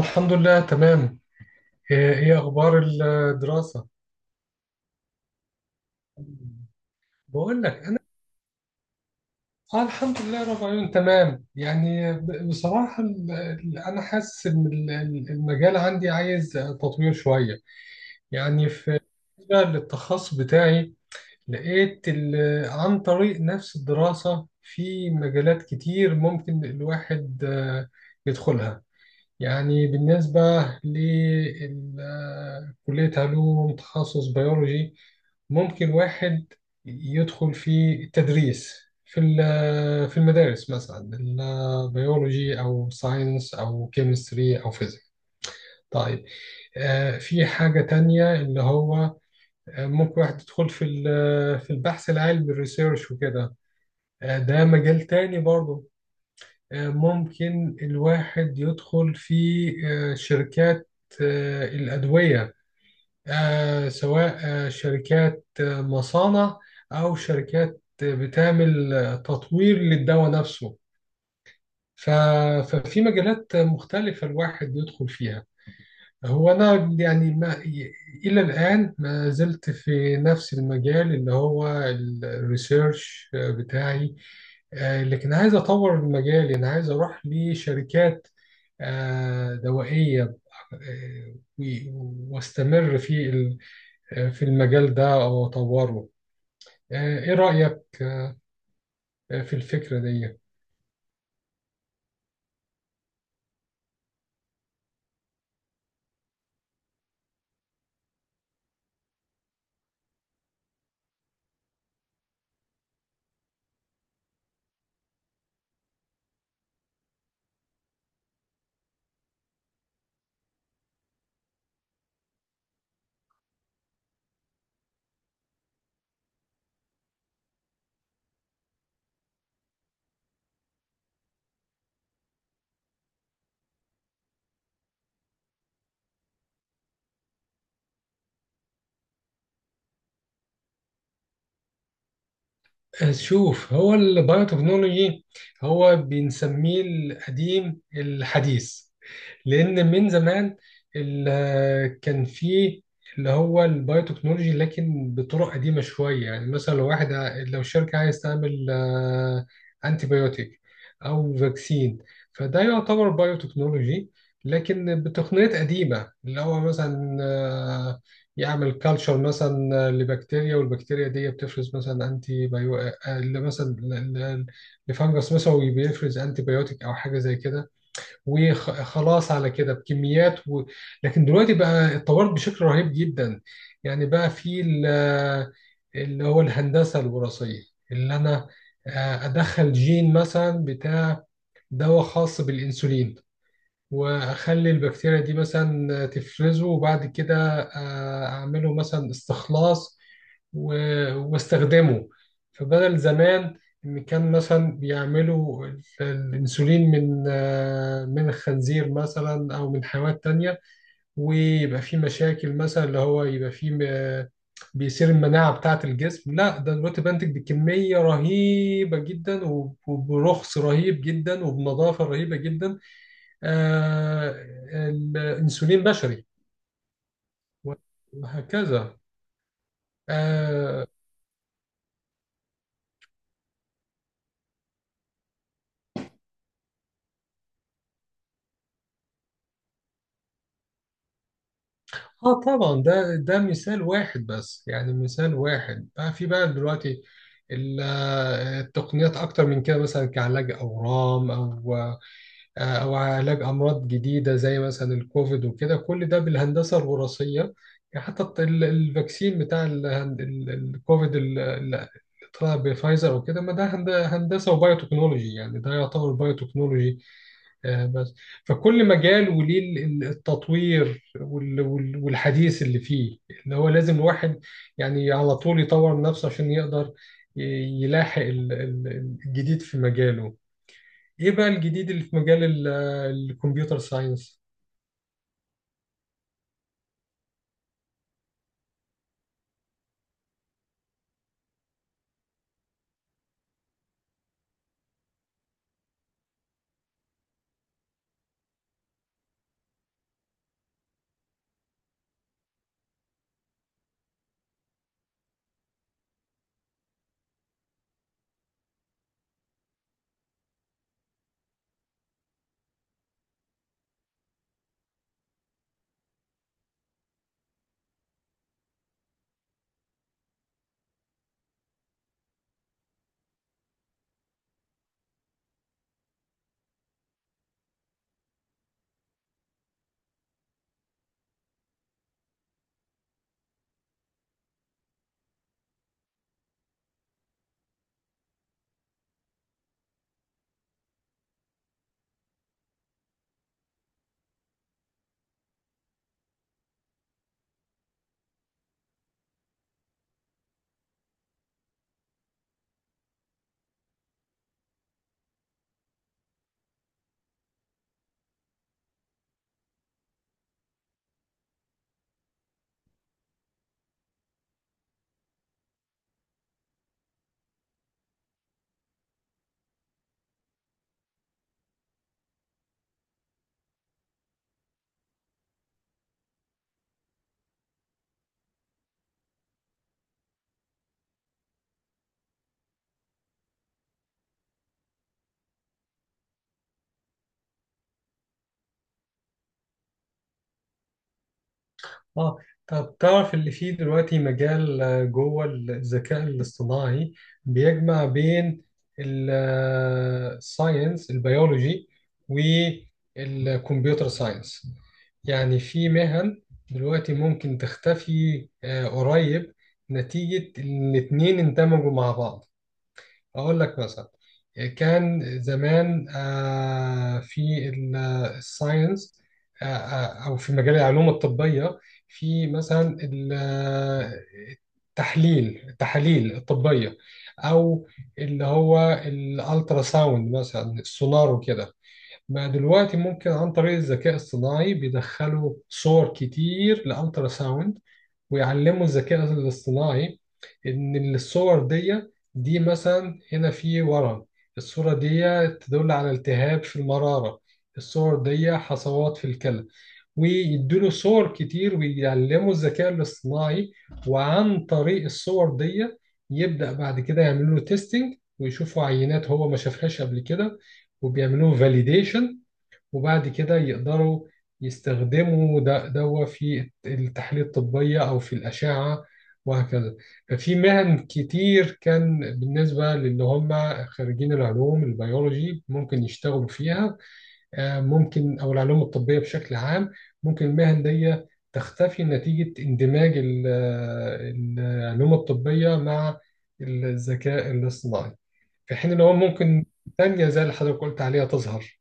الحمد لله تمام. ايه اخبار الدراسة؟ بقول لك. اه الحمد لله رب العالمين تمام. يعني بصراحة انا حاسس ان المجال عندي عايز تطوير شوية. يعني في بالنسبة للتخصص بتاعي، لقيت عن طريق نفس الدراسة في مجالات كتير ممكن الواحد يدخلها. يعني بالنسبة لكلية علوم تخصص بيولوجي، ممكن واحد يدخل في التدريس في في المدارس مثلا، البيولوجي أو ساينس أو كيمستري أو فيزيك. طيب، في حاجة تانية، اللي هو ممكن واحد يدخل في في البحث العلمي الريسيرش وكده. ده مجال تاني برضه. ممكن الواحد يدخل في شركات الأدوية، سواء شركات مصانع أو شركات بتعمل تطوير للدواء نفسه. ف- ففي مجالات مختلفة الواحد يدخل فيها. هو أنا يعني ما، إلى الآن ما زلت في نفس المجال اللي هو الريسيرش بتاعي. لكن عايز أطور المجال، أنا عايز أروح لشركات دوائية واستمر في في المجال ده أو أطوره. إيه رأيك في الفكرة دي؟ شوف، هو البايوتكنولوجي هو بنسميه القديم الحديث. لأن من زمان كان فيه اللي هو البايوتكنولوجي، لكن بطرق قديمة شوية. يعني مثلا لو واحد لو شركة عايز تعمل أنتيبيوتيك أو فاكسين، فده يعتبر بايوتكنولوجي، لكن بتقنيات قديمة. اللي هو مثلا يعمل كالتشر مثلا لبكتيريا، والبكتيريا دي بتفرز مثلا انتي، اللي مثلا لفنجس مثلا بيفرز انتي بيوتيك او حاجه زي كده. وخلاص على كده بكميات لكن دلوقتي بقى اتطورت بشكل رهيب جدا. يعني بقى في اللي هو الهندسه الوراثيه، اللي انا ادخل جين مثلا بتاع دواء خاص بالانسولين، واخلي البكتيريا دي مثلا تفرزه، وبعد كده اعمله مثلا استخلاص واستخدمه. فبدل زمان، إن كان مثلا بيعملوا الأنسولين من من الخنزير مثلا أو من حيوانات تانية، ويبقى فيه مشاكل، مثلا اللي هو يبقى فيه بيصير المناعة بتاعة الجسم. لا، ده دلوقتي بنتج بكمية رهيبة جدا وبرخص رهيب جدا وبنظافة رهيبة جدا. آه، الأنسولين بشري، وهكذا. آه، اه طبعا. ده مثال واحد بس، يعني مثال واحد. بقى في بقى دلوقتي التقنيات اكتر من كده، مثلا كعلاج اورام او او علاج امراض جديده زي مثلا الكوفيد وكده. كل ده بالهندسه الوراثيه. يعني حتى الفاكسين بتاع الكوفيد اللي طلع بفايزر وكده، ما ده هندسه وبايوتكنولوجي، يعني ده يعتبر بايوتكنولوجي بس. فكل مجال وليه التطوير والحديث اللي فيه، اللي هو لازم الواحد يعني على طول يطور من نفسه عشان يقدر ي- يلاحق الجديد في مجاله. ايه بقى الجديد اللي في مجال الكمبيوتر ساينس؟ اه، طب تعرف اللي فيه دلوقتي مجال جوه الذكاء الاصطناعي بيجمع بين الساينس البيولوجي والكمبيوتر ساينس. يعني في مهن دلوقتي ممكن تختفي قريب، نتيجة إن الاتنين اندمجوا مع بعض. أقول لك مثلا، كان زمان في الساينس أو في مجال العلوم الطبية، في مثلا ال- التحليل التحاليل الطبية أو اللي هو الألترا ساوند مثلا، السونار وكده. ما دلوقتي ممكن عن طريق الذكاء الصناعي بيدخلوا صور كتير لألترا ساوند، ويعلموا الذكاء الاصطناعي ان الصور دي، مثلا هنا في ورم، الصورة دي تدل على التهاب في المرارة، الصور دي حصوات في الكلى. ويدوله صور كتير ويعلموا الذكاء الاصطناعي، وعن طريق الصور دي يبدأ بعد كده يعملوا له تيستينج، ويشوفوا عينات هو ما شافهاش قبل كده، وبيعملوا فاليديشن. وبعد كده يقدروا يستخدموا ده دوا في التحاليل الطبية أو في الأشعة، وهكذا. ففي مهن كتير كان بالنسبة للي هم خريجين العلوم البيولوجي ممكن يشتغلوا فيها. ممكن أو العلوم الطبية بشكل عام، ممكن المهن دي تختفي نتيجة اندماج العلوم الطبية مع الذكاء الاصطناعي، في حين إن هو ممكن تانية زي اللي حضرتك قلت عليها تظهر.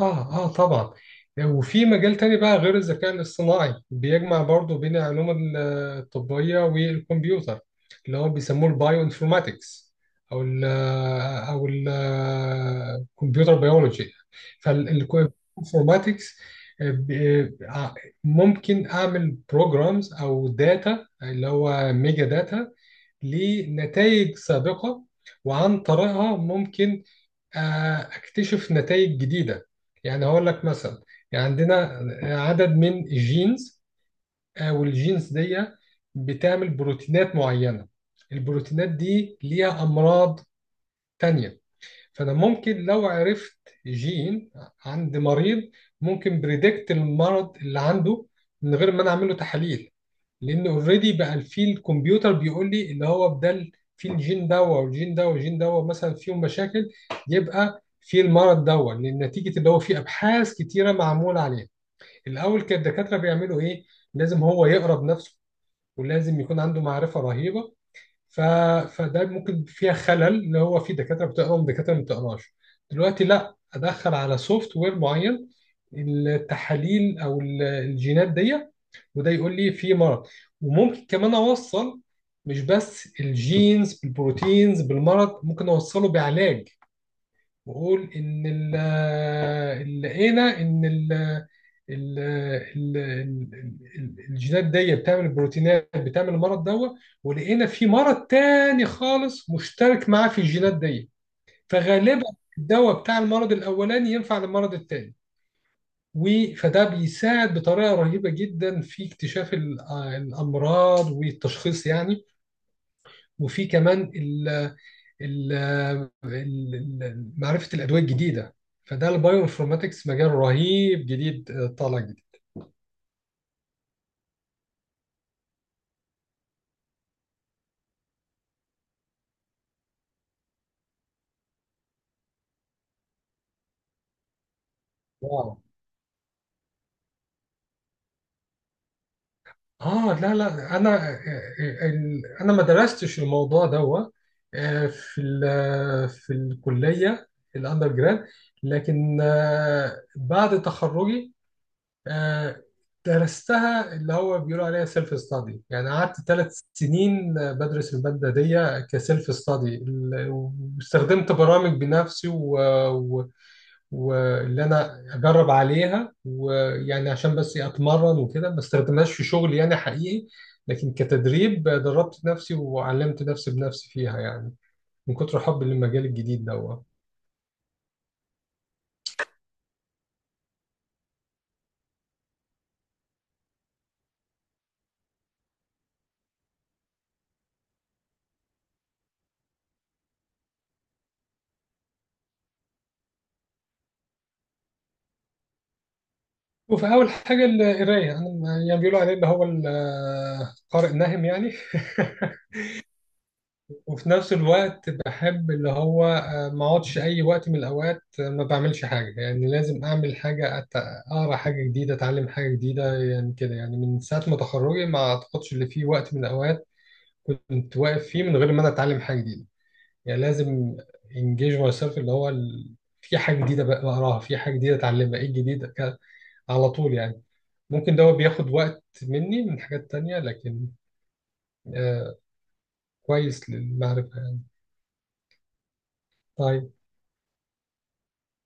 اه، اه طبعا. وفي مجال تاني بقى غير الذكاء الاصطناعي بيجمع برضو بين العلوم الطبية والكمبيوتر، اللي هو بيسموه البايو انفورماتكس او ال او ال الكمبيوتر بيولوجي. فالانفورماتكس ممكن اعمل بروجرامز او داتا، اللي هو ميجا داتا، لنتائج سابقة، وعن طريقها ممكن اكتشف نتائج جديده. يعني هقول لك مثلا، يعني عندنا عدد من الجينز، والجينز دي بتعمل بروتينات معينه، البروتينات دي ليها امراض تانية. فانا ممكن لو عرفت جين عند مريض، ممكن بريدكت المرض اللي عنده من غير ما انا اعمله تحاليل. لان اوريدي بقى في الكمبيوتر بيقول لي، اللي هو بدل في الجين دوا والجين دوا والجين دوا مثلا فيهم مشاكل، يبقى في المرض دوا، لان نتيجه اللي هو في ابحاث كتيره معموله عليه. الاول كان الدكاتره بيعملوا ايه؟ لازم هو يقرا بنفسه ولازم يكون عنده معرفه رهيبه. ف... فده ممكن فيها خلل، اللي هو في دكاتره بتقرا ودكاتره ما بتقراش. دلوقتي لا، ادخل على سوفت وير معين التحاليل او الجينات دي، وده يقول لي في مرض. وممكن كمان اوصل، مش بس الجينز بالبروتينز بالمرض، ممكن اوصله بعلاج. واقول ان لقينا ان ال الجينات دي بتعمل البروتينات بتعمل المرض دوت، ولقينا في مرض تاني خالص مشترك معاه في الجينات دي. فغالبا الدواء بتاع المرض الاولاني ينفع للمرض التاني. فده بيساعد بطريقه رهيبه جدا في اكتشاف الامراض والتشخيص يعني. وفي كمان ال- ال- معرفة الأدوية الجديدة. فده البايو انفورماتكس مجال رهيب جديد، طالع جديد. واو. اه، لا، لا، انا انا ما درستش الموضوع ده في في الكلية الاندر جراد. لكن بعد تخرجي آه، درستها، اللي هو بيقولوا عليها سيلف ستادي. يعني قعدت 3 سنين بدرس المادة دي كسيلف ستادي. واستخدمت برامج بنفسي، واللي انا اجرب عليها، ويعني عشان بس إيه اتمرن وكده، ما استخدمهاش في شغل يعني حقيقي. لكن كتدريب، دربت نفسي وعلمت نفسي بنفسي فيها يعني، من كتر حبي للمجال الجديد ده. وفي أول حاجة القراية، أنا يعني بيقولوا عليه اللي هو القارئ ناهم يعني. وفي نفس الوقت بحب اللي هو ما اقعدش اي وقت من الاوقات ما بعملش حاجه. يعني لازم اعمل حاجه، اقرا حاجه جديده، اتعلم حاجه جديده. يعني كده، يعني من ساعه ما تخرجي ما اعتقدش ان في وقت من الاوقات كنت واقف فيه من غير ما انا اتعلم حاجه جديده. يعني لازم انجيج ماي سيلف، اللي هو في حاجه جديده بقراها، في حاجه جديده اتعلمها، ايه الجديد على طول يعني. ممكن ده هو بياخد وقت مني من حاجات تانية، لكن آه، كويس للمعرفة يعني. طيب.